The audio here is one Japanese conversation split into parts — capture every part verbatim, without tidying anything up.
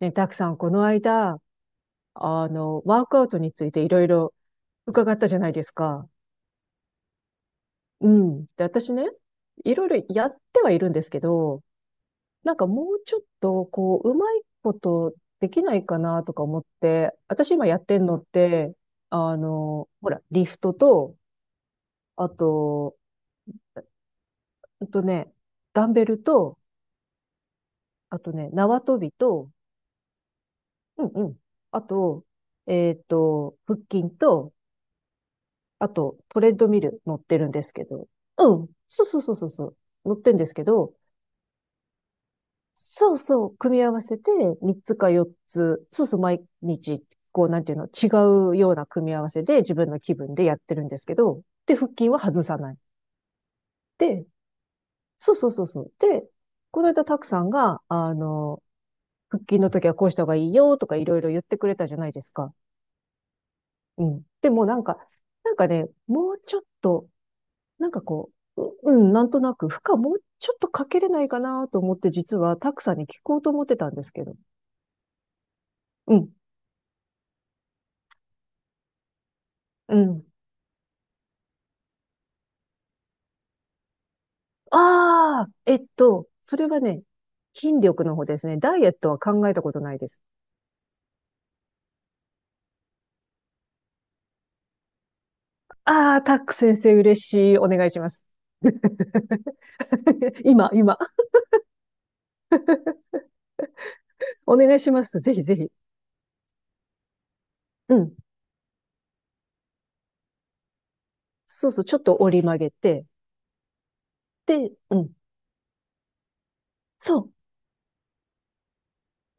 ね、たくさんこの間、あの、ワークアウトについていろいろ伺ったじゃないですか。うん。で、私ね、いろいろやってはいるんですけど、なんかもうちょっと、こう、うまいことできないかなとか思って、私今やってんのって、あの、ほら、リフトと、あと、ほんとね、ダンベルと、あとね、縄跳びと、うんうん。あと、えっと、腹筋と、あと、トレッドミル乗ってるんですけど、うん、そうそうそうそうそう、乗ってんですけど、そうそう、組み合わせてみっつかよっつ、そうそう、毎日、こう、なんていうの、違うような組み合わせで自分の気分でやってるんですけど、で、腹筋は外さない。で、そうそうそうそう。で、この間、たくさんが、あの、腹筋の時はこうした方がいいよとかいろいろ言ってくれたじゃないですか。うん。でもなんか、なんかね、もうちょっとなんかこう、ううん、なんとなく、負荷もうちょっとかけれないかなと思って、実はックさんに聞こうと思ってたんですけど。うん、うん。ああ、えっと、それはね、筋力の方ですね。ダイエットは考えたことないです。ああ、タック先生嬉しい。お願いします。今、今。お願いします。ぜひぜひ。うん。そうそう、ちょっと折り曲げて。で、うん。そう。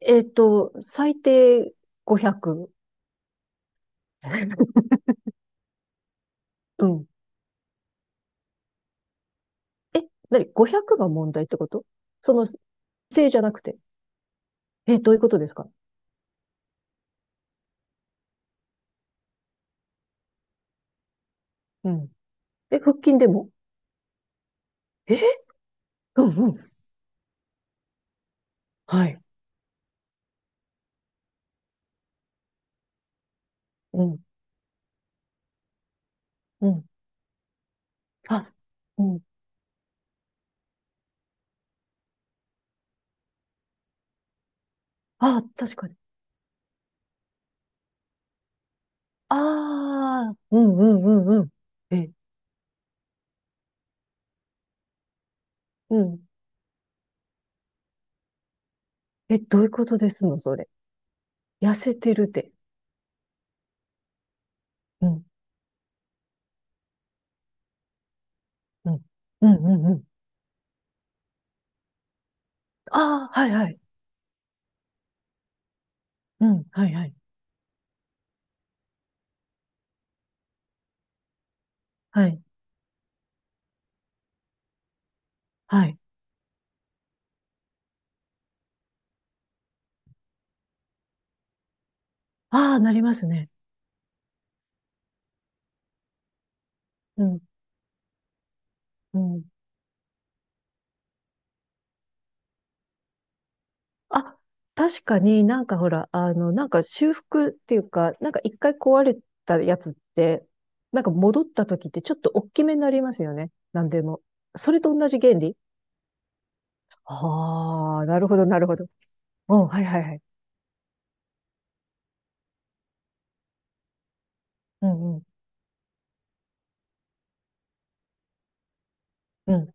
えっと、最低ごひゃく。うん。え、なに、ごひゃくが問題ってこと？その、姿勢じゃなくて。え、どういうことですか？うん。え、腹筋でも？えうんうん。はい。うん。うん。あ、うん。あ、確かに。ああ、うんうんうんうん。え、うん。え、どういうことですの、それ。痩せてるで。うん、うん。うんうんうん。ああ、はいはい。うん、はいはい。はい、はい。ああ、なりますね。うん、うん。あ、確かになんかほら、あの、なんか修復っていうか、なんか一回壊れたやつって、なんか戻った時ってちょっと大きめになりますよね。なんでも。それと同じ原理？ああ、なるほど、なるほど。うん、はいはいはい。うん、うん、うん、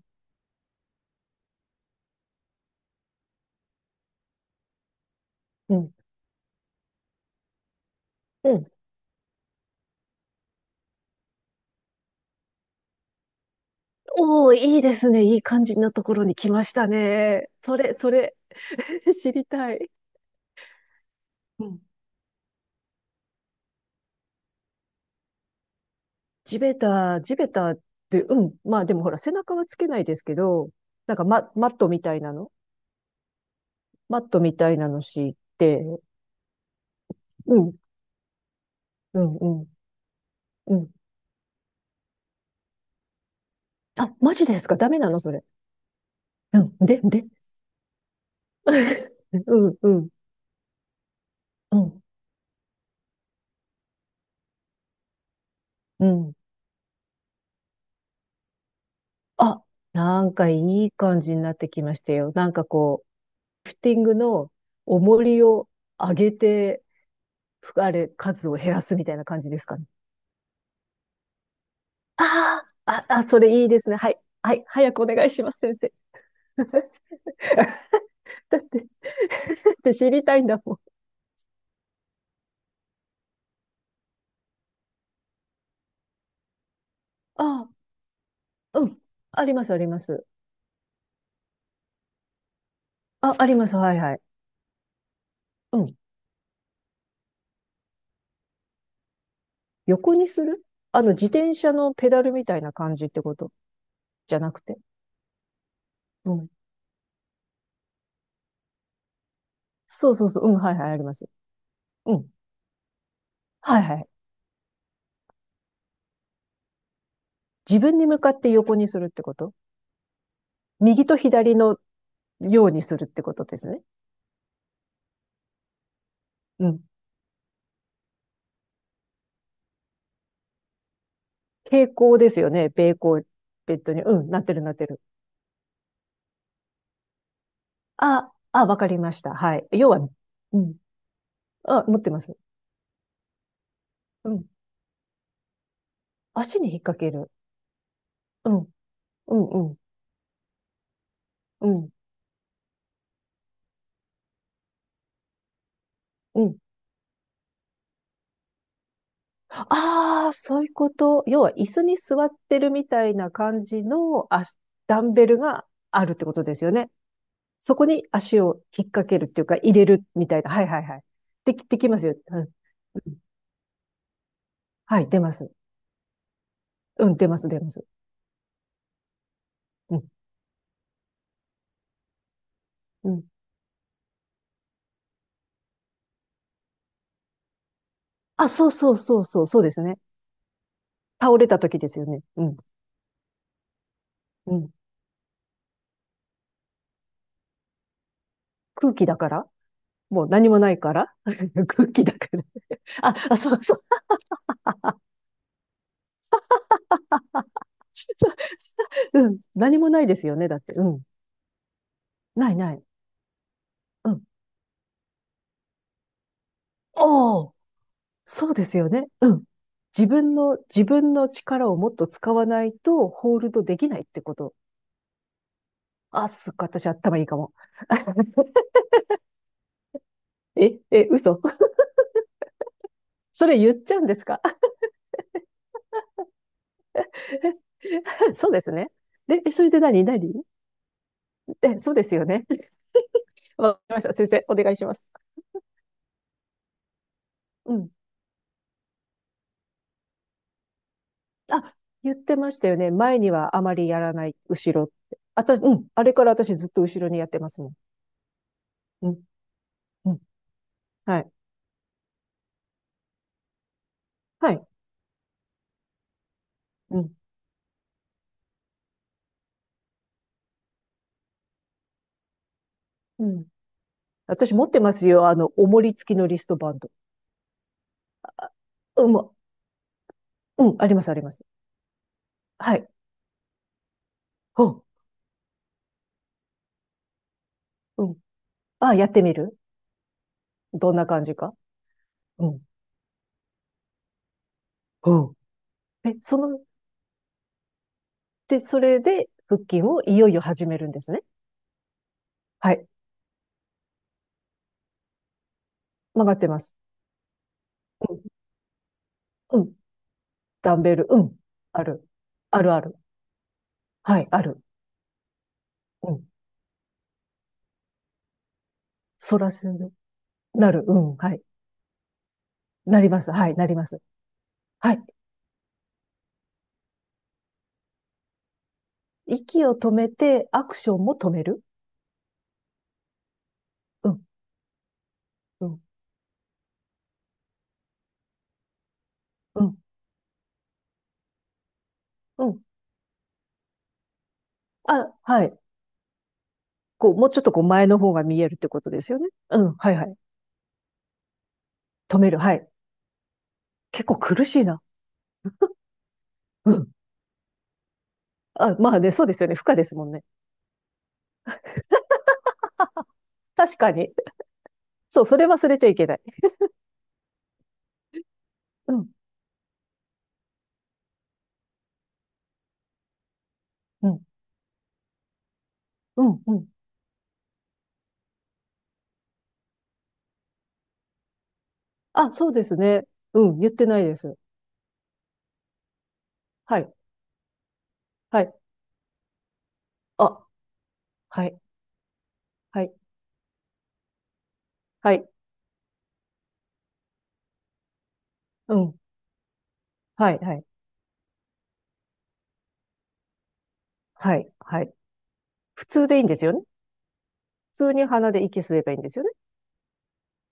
うん。うん。おお、いいですね。いい感じなところに来ましたね。それ、それ、知りたい。うん。地べた、地べたって、うん。まあでもほら、背中はつけないですけど、なんかマ、マットみたいなのマットみたいなの敷いて、うん、うん、うん、うん。あ、マジですか？ダメなのそれ。うん、で、で、うん、うん、うん、うん。あ、なんかいい感じになってきましたよ。なんかこう、リフティングの重りを上げて、ふあれ、数を減らすみたいな感じですかね。ああ、あ、あ、それいいですね。はい。はい。早くお願いします、先生。だって、だって知りたいんだもん。ああ、うん。あります、あります。あ、あります。はい、はい。うん。横にする？あの、自転車のペダルみたいな感じってこと？じゃなくて。うん。そうそうそう。うん、はいはい、あります。うん。はいはい。自分に向かって横にするってこと？右と左のようにするってことですね。うん。平行ですよね。平行、ベッドに。うん、なってるなってる。あ、あ、わかりました。はい。要は、うん。あ、持ってます。うん。足に引っ掛ける。うん。うん、うん。うん。うん。ああ、そういうこと。要は椅子に座ってるみたいな感じのあダンベルがあるってことですよね。そこに足を引っ掛けるっていうか入れるみたいな。はいはいはい。でき、できますよ。うん。うん、はい、出ます。うん、出ます、出ます。うん。うん。あ、そうそうそうそう、そうですね。倒れた時ですよね。うん。うん。空気だからもう何もないから、 空気だから、あ、あ、そうそう。うん。何もないですよね。だって。うん。ないない。うん、おお、そうですよね。うん。自分の、自分の力をもっと使わないと、ホールドできないってこと。あ、すっごい、私頭いいかも。え、え、嘘。それ言っちゃうんですか？ そうですね。で、えそれで何何？え、そうですよね。わかりました。先生、お願いします。うん。あ、言ってましたよね。前にはあまりやらない、後ろって。あた、うん。あれから私ずっと後ろにやってますもん。うん。うん。はい。はい。うん。うん。私持ってますよ。あの、おもり付きのリストバンド。あ、うん、もう、うん、あります、あります。はい。うん、うん。あ、やってみる？どんな感じか。うん、うん。え、その、で、それで腹筋をいよいよ始めるんですね。はい。曲がってます。うん、うん。ダンベル、うん。ある。あるある。はい、ある。うん。反らせる。なる。うん、はい。なります。はい、なります。はい。息を止めて、アクションも止める。うん、うん、うん、うん。あ、はい。こう、もうちょっとこう前の方が見えるってことですよね。うん、はいはい。止める、はい。結構苦しいな。うん。あ、まあね、そうですよね。負荷ですもんね。確かに。そう、それ忘れちゃいけない。うん、うん、うん、うん。あ、そうですね。うん、言ってないです。はい、はい。あ、はい、はい、はい、うん、はい、はい、はい、はい。普通でいいんですよね？普通に鼻で息吸えばいいんですよね？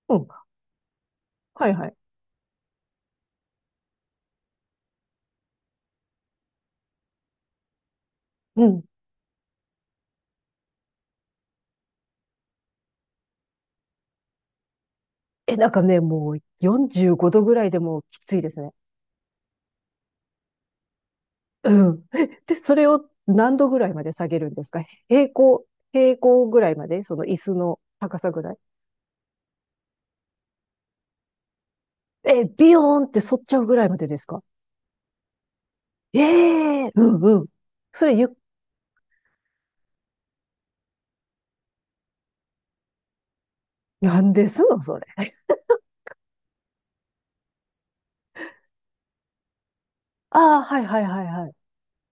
うん、はい、はい。うん。え、なんかね、もうよんじゅうごどぐらいでもうきついですね。うん。えで、それを何度ぐらいまで下げるんですか？平行、平行ぐらいまで？その椅子の高さぐらい？え、ビヨーンって反っちゃうぐらいまでですか？ええ、うんうん。それゆっ、なんですのそれ。ああ、はいはいはいは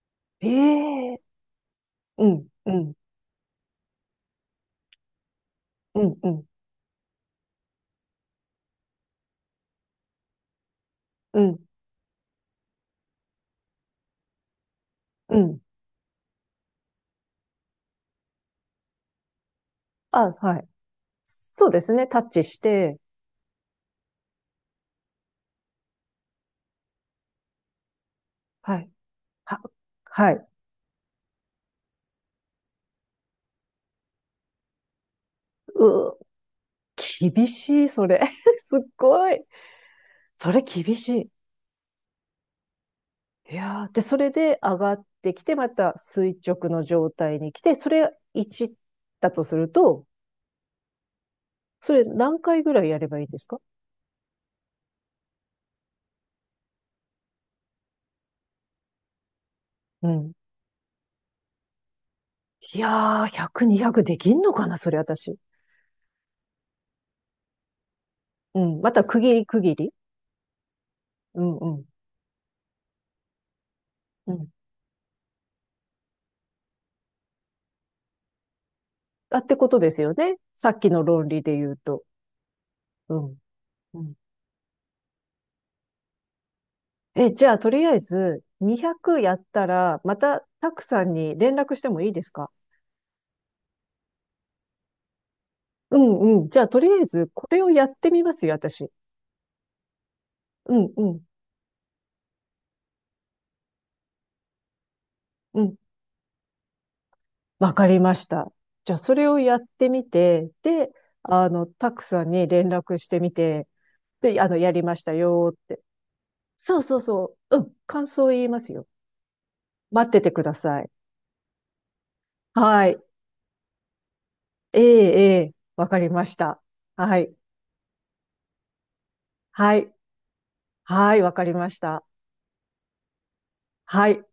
い。ええ、うん、うん、うん、うん、うん、うん。あ、はい。そうですね。タッチして、はい。は、はい。うー、厳しい、それ。すっごい。それ厳しい。いやーで、それで上がってきて、また垂直の状態に来て、それいちだとすると、それ何回ぐらいやればいいですか？うん。いやー、ひゃく、にひゃくできんのかなそれ私。うん。また区切り区切り。うんうん。うん。あ、ってことですよね。さっきの論理で言うと。うん。うん。え、じゃあ、とりあえず、にひゃくやったら、また、たくさんに連絡してもいいですか？うんうん。じゃあ、とりあえず、これをやってみますよ、私。うんうん。うん。わかりました。じゃあ、それをやってみて、で、あの、タクさんに連絡してみて、で、あの、やりましたよって。そうそうそう。うん。感想言いますよ。待っててください。はい。ええ、ええ。わかりました。はい。はい。はい。わかりました。はい。